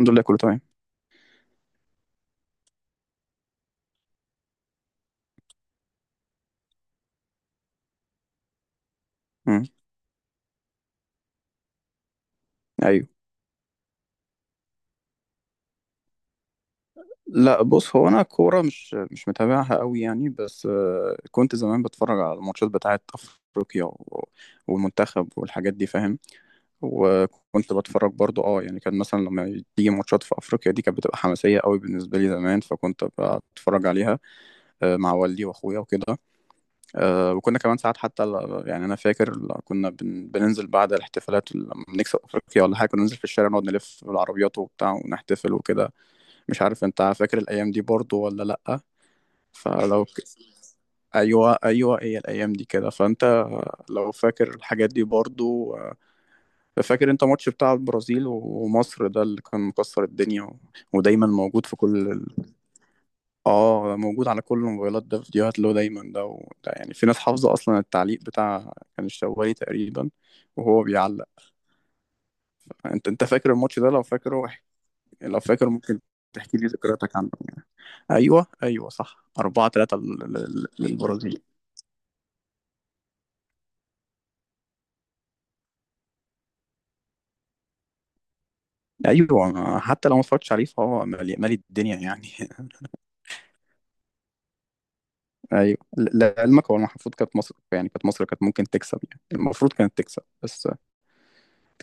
الحمد لله كله تمام. مم. ايوه. لا بص، هو انا كوره مش متابعها قوي يعني، بس كنت زمان بتفرج على الماتشات بتاعه افريقيا والمنتخب والحاجات دي، فاهم. وكنت بتفرج برضو، اه يعني كان مثلا لما تيجي ماتشات في افريقيا دي كانت بتبقى حماسيه قوي بالنسبه لي زمان، فكنت ببقى اتفرج عليها. مع والدي واخويا وكده. وكنا كمان ساعات حتى يعني انا فاكر كنا بننزل بعد الاحتفالات لما بنكسب افريقيا ولا حاجه، كنا ننزل في الشارع نقعد نلف بالعربيات وبتاع ونحتفل وكده. مش عارف انت فاكر الايام دي برضو ولا لأ؟ فلو ك... ايوه ايوه، هي الايام دي كده، فانت لو فاكر الحاجات دي برضو. فاكر انت ماتش بتاع البرازيل ومصر ده اللي كان مكسر الدنيا ودايما موجود في كل اه موجود على كل الموبايلات، ده فيديوهات له دايما ده، ده يعني في ناس حافظه اصلا التعليق بتاع، كان الشوالي تقريبا وهو بيعلق. انت فاكر الماتش ده؟ لو فاكره لو فاكر ممكن تحكي لي ذكرياتك عنه يعني. ايوه ايوه صح، 4-3 للبرازيل. ايوه، حتى لو ما اتفرجتش عليه فهو مالي الدنيا يعني. ايوه، لعلمك هو المفروض كانت مصر، يعني كانت ممكن تكسب يعني، المفروض كانت تكسب، بس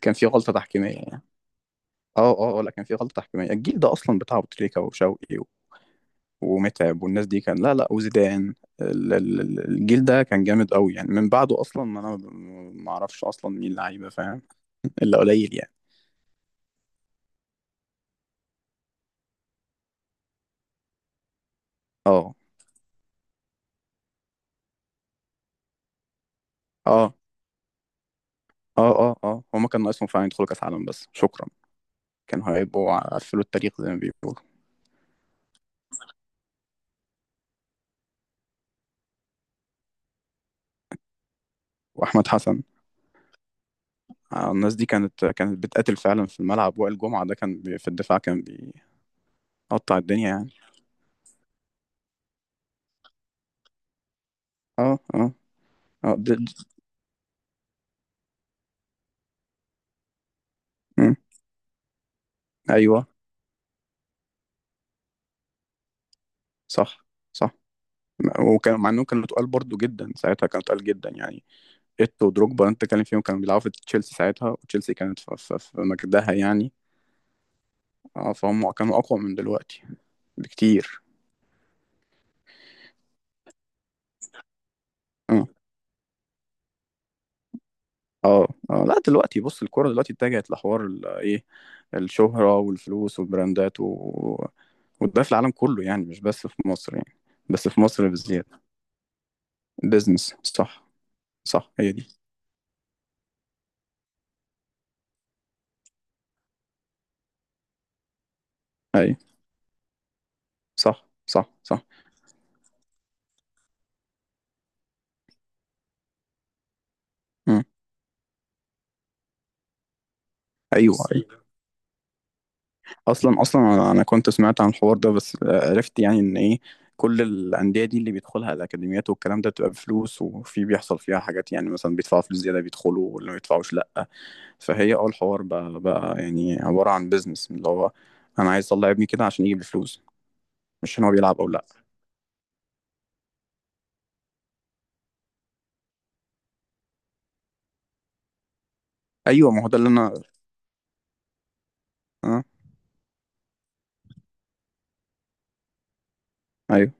كان في غلطه تحكيميه يعني. لا، كان في غلطه تحكيميه. الجيل ده اصلا بتاع ابو تريكه وشوقي ومتعب والناس دي، كان لا لا، وزيدان. الجيل ده كان جامد قوي يعني، من بعده اصلا ما اعرفش اصلا مين لعيبه، فاهم. الا قليل يعني. اه اه اه هما كان ناقصهم فعلا يدخلوا كاس عالم، بس شكرا، كانوا هيبقوا قفلوا التاريخ زي ما بيقولوا. واحمد حسن. الناس دي كانت بتقاتل فعلا في الملعب. وائل جمعة ده كان بي في الدفاع، كان بيقطع الدنيا يعني. اه اه اه د- د- مم. ايوه صح. صح. وكان مع انهم كانوا تقال برضو جدا، ساعتها كانوا تقال جدا يعني. ايتو ودروجبا انت بتتكلم فيهم، كانوا بيلعبوا في تشيلسي ساعتها، وتشيلسي كانت في مجدها يعني. اه، فهم كانوا اقوى من دلوقتي بكتير. اه لا دلوقتي بص، الكوره دلوقتي اتجهت لحوار ايه، الشهره والفلوس والبراندات وده في العالم كله يعني، مش بس في مصر يعني، بس في مصر بزياده. بيزنس، صح صح، هي دي. اي صح صح صح. مم. ايوه ايوه. اصلا انا كنت سمعت عن الحوار ده، بس عرفت يعني ان ايه، كل الانديه دي اللي بيدخلها الاكاديميات والكلام ده بتبقى بفلوس، وفي بيحصل فيها حاجات يعني، مثلا بيدفعوا فلوس زياده بيدخلوا، ولا ما بيدفعوش لا. فهي اه الحوار بقى يعني عبارة عن بيزنس، اللي هو انا عايز اطلع ابني كده عشان يجيب الفلوس، مش عشان هو بيلعب او لا. ايوه، ما هو ده اللي انا. اه ايوه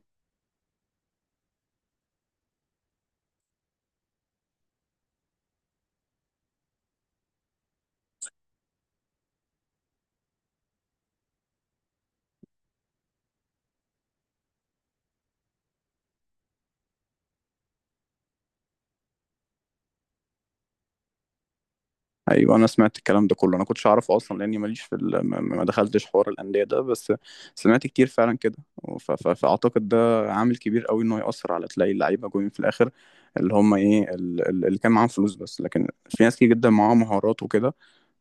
ايوه، انا سمعت الكلام ده كله، انا كنتش اعرفه اصلا لاني ماليش ما دخلتش حوار الانديه ده، بس سمعت كتير فعلا كده. فاعتقد ده عامل كبير قوي، انه ياثر على تلاقي اللعيبه جوين في الاخر اللي هم ايه، اللي كان معاهم فلوس بس، لكن في ناس كتير جدا معاهم مهارات وكده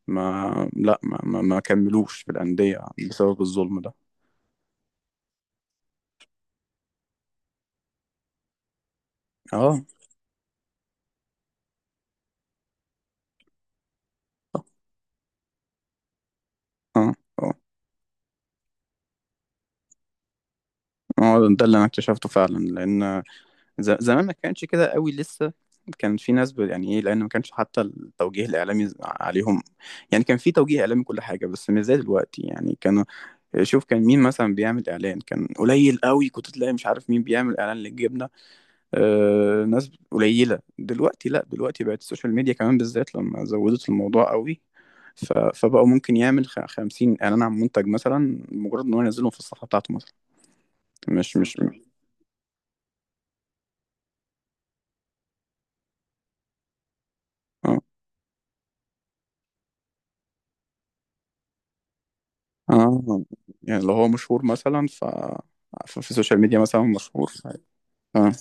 ما لا ما ما, ما كملوش في الانديه بسبب الظلم ده. اه اه اه هو ده اللي انا اكتشفته فعلا، لان زمان ما كانش كده قوي لسه، كان في ناس يعني ايه، لان ما كانش حتى التوجيه الاعلامي عليهم. يعني كان في توجيه اعلامي كل حاجه، بس مش زي دلوقتي يعني. كانوا شوف، كان مين مثلا بيعمل اعلان؟ كان قليل قوي، كنت تلاقي مش عارف مين بيعمل اعلان للجبنه، آه، ناس قليله. دلوقتي لا، دلوقتي بقت السوشيال ميديا كمان بالذات لما زودت الموضوع قوي، فبقوا ممكن يعمل خمسين إعلان عن منتج مثلا، مجرد إن هو ينزلهم في الصفحة بتاعته مثلا. مش مش اه اه، يعني لو هو مشهور مثلا ف ففي السوشيال ميديا مثلا مشهور اه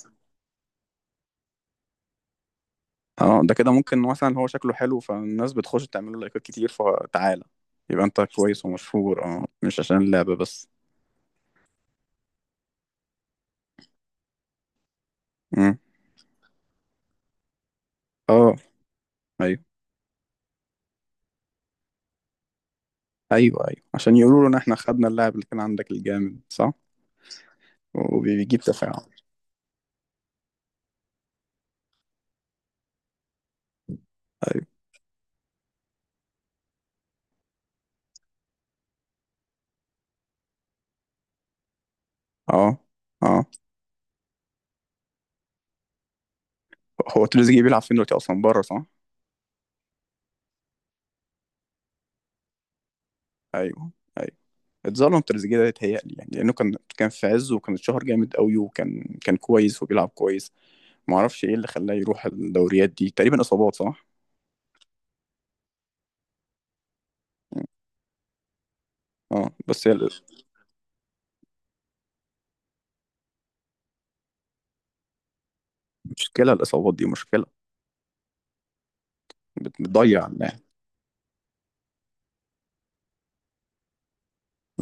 اه، ده كده ممكن، مثلا هو شكله حلو فالناس بتخش تعمل له لايكات كتير، فتعالى يبقى انت كويس ومشهور، اه مش عشان اللعبة بس. مم. اه. ايوه ايوه ايوه، عشان يقولوا لنا احنا خدنا اللاعب اللي كان عندك الجامد، صح، وبيجيب تفاعل. ايوه اه اه. هو تريزيجيه بيلعب فين دلوقتي اصلا، بره، صح؟ ايوه أيوه. اتظلم تريزيجيه ده يتهيألي يعني، لأنه كان في عزه، وكان اتشهر جامد قوي، وكان كويس وبيلعب كويس. ما اعرفش ايه اللي خلاه يروح الدوريات دي، تقريبا إصابات صح؟ اه، بس هي المشكلة، الإصابات دي مشكلة، بتضيع اللاعب.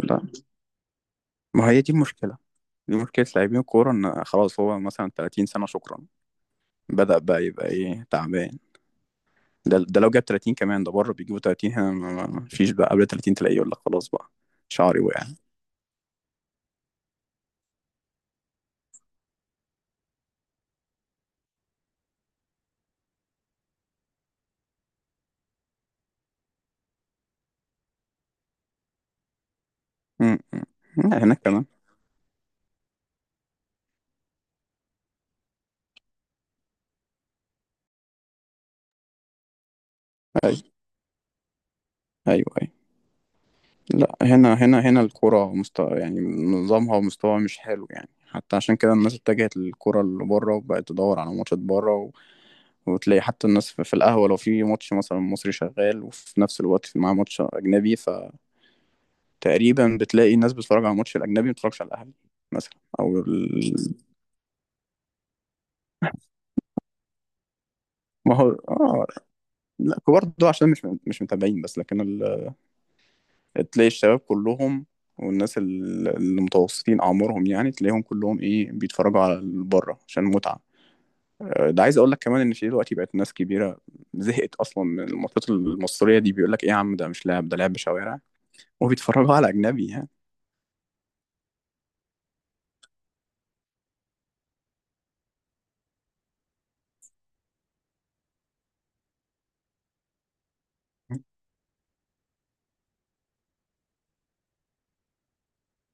لا ما هي دي المشكلة، دي مشكلة لاعبين الكورة، إن خلاص هو مثلا 30 سنة، شكرا، بدأ بقى يبقى إيه، تعبان. ده ده لو جاب 30 كمان، ده بره بيجيبوا 30 هنا، ما ما فيش بقى، قبل 30 تلاقيه يقول لك خلاص بقى شعري وقع. م- م. هناك كمان. أيوه أيوه أيوه. لا هنا، هنا الكرة مستوى يعني، نظامها ومستواها مش حلو يعني، حتى عشان كده الناس اتجهت للكرة اللي بره، وبقت تدور على ماتشات بره وتلاقي حتى الناس في القهوة، لو في ماتش مثلا مصري شغال، وفي نفس الوقت في معاه ماتش أجنبي، فتقريبا بتلاقي الناس بتتفرج على الماتش الأجنبي، ما بتتفرجش على الأهلي مثلا، أو ال... ما هو آه. لا، كبار ده عشان مش متابعين. تلاقي الشباب كلهم، والناس المتوسطين أعمارهم يعني، تلاقيهم كلهم إيه، بيتفرجوا على بره عشان متعة. ده عايز اقول لك كمان ان في دلوقتي بقت ناس كبيره زهقت اصلا من الماتشات المصريه دي، بيقول لك ايه يا عم، ده مش لعب، ده لعب شوارع، وبيتفرجوا على اجنبي يعني.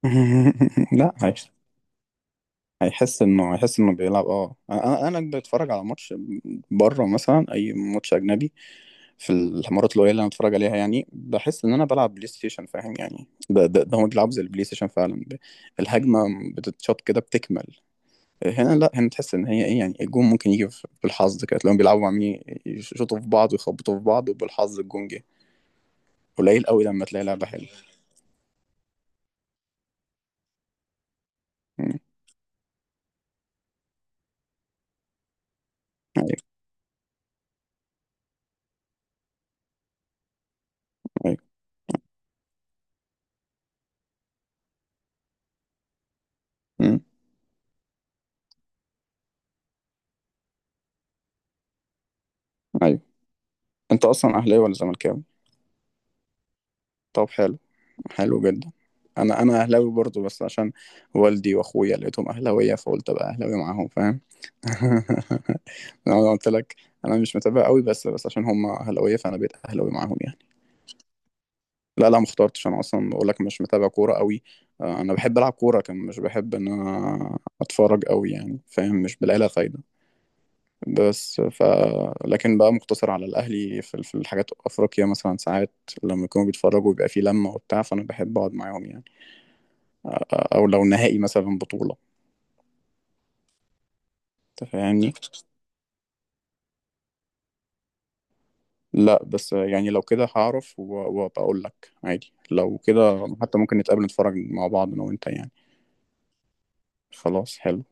لا هيش- هيحس انه، هيحس انه بيلعب. اه انا بتفرج على ماتش بره مثلا، اي ماتش اجنبي، في المرات القليله اللي انا بتفرج عليها يعني، بحس ان انا بلعب بلاي ستيشن، فاهم يعني. ده هم بيلعبوا زي البلاي ستيشن فعلا، الهجمه بتتشاط كده بتكمل. هنا لا، هنا تحس ان هي ايه يعني، الجون ممكن يجي بالحظ كده، تلاقيهم بيلعبوا عاملين يشوطوا في بعض ويخبطوا في بعض، وبالحظ الجون جه. قليل قوي لما تلاقي لعبه حلوه. مم. ايوه ايوه. مم. ايوه. انت اصلا اهلاوي ولا زملكاوي؟ طب حلو، حلو جدا. انا اهلاوي برضو، بس عشان والدي واخويا لقيتهم اهلاويه، فقلت ابقى اهلاوي معاهم، فاهم. انا قلت لك، انا مش متابع قوي، بس عشان هم اهلاويه فانا بقيت اهلاوي معاهم يعني. لا، ما اخترتش، انا اصلا بقول لك مش متابع كوره قوي. انا بحب العب كوره، كان مش بحب ان انا اتفرج قوي يعني، فاهم، مش بلاقي لها فايده. بس ف، لكن بقى مقتصر على الاهلي في في الحاجات افريقيا مثلا ساعات، لما يكونوا بيتفرجوا بيبقى في لمه وبتاع، فانا بحب اقعد معاهم يعني. او لو نهائي مثلا بطوله، انت فاهمني. لا بس يعني لو كده هعرف، وبقول لك عادي، لو كده حتى ممكن نتقابل نتفرج مع بعض انا وانت يعني. خلاص حلو،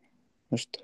قشطة.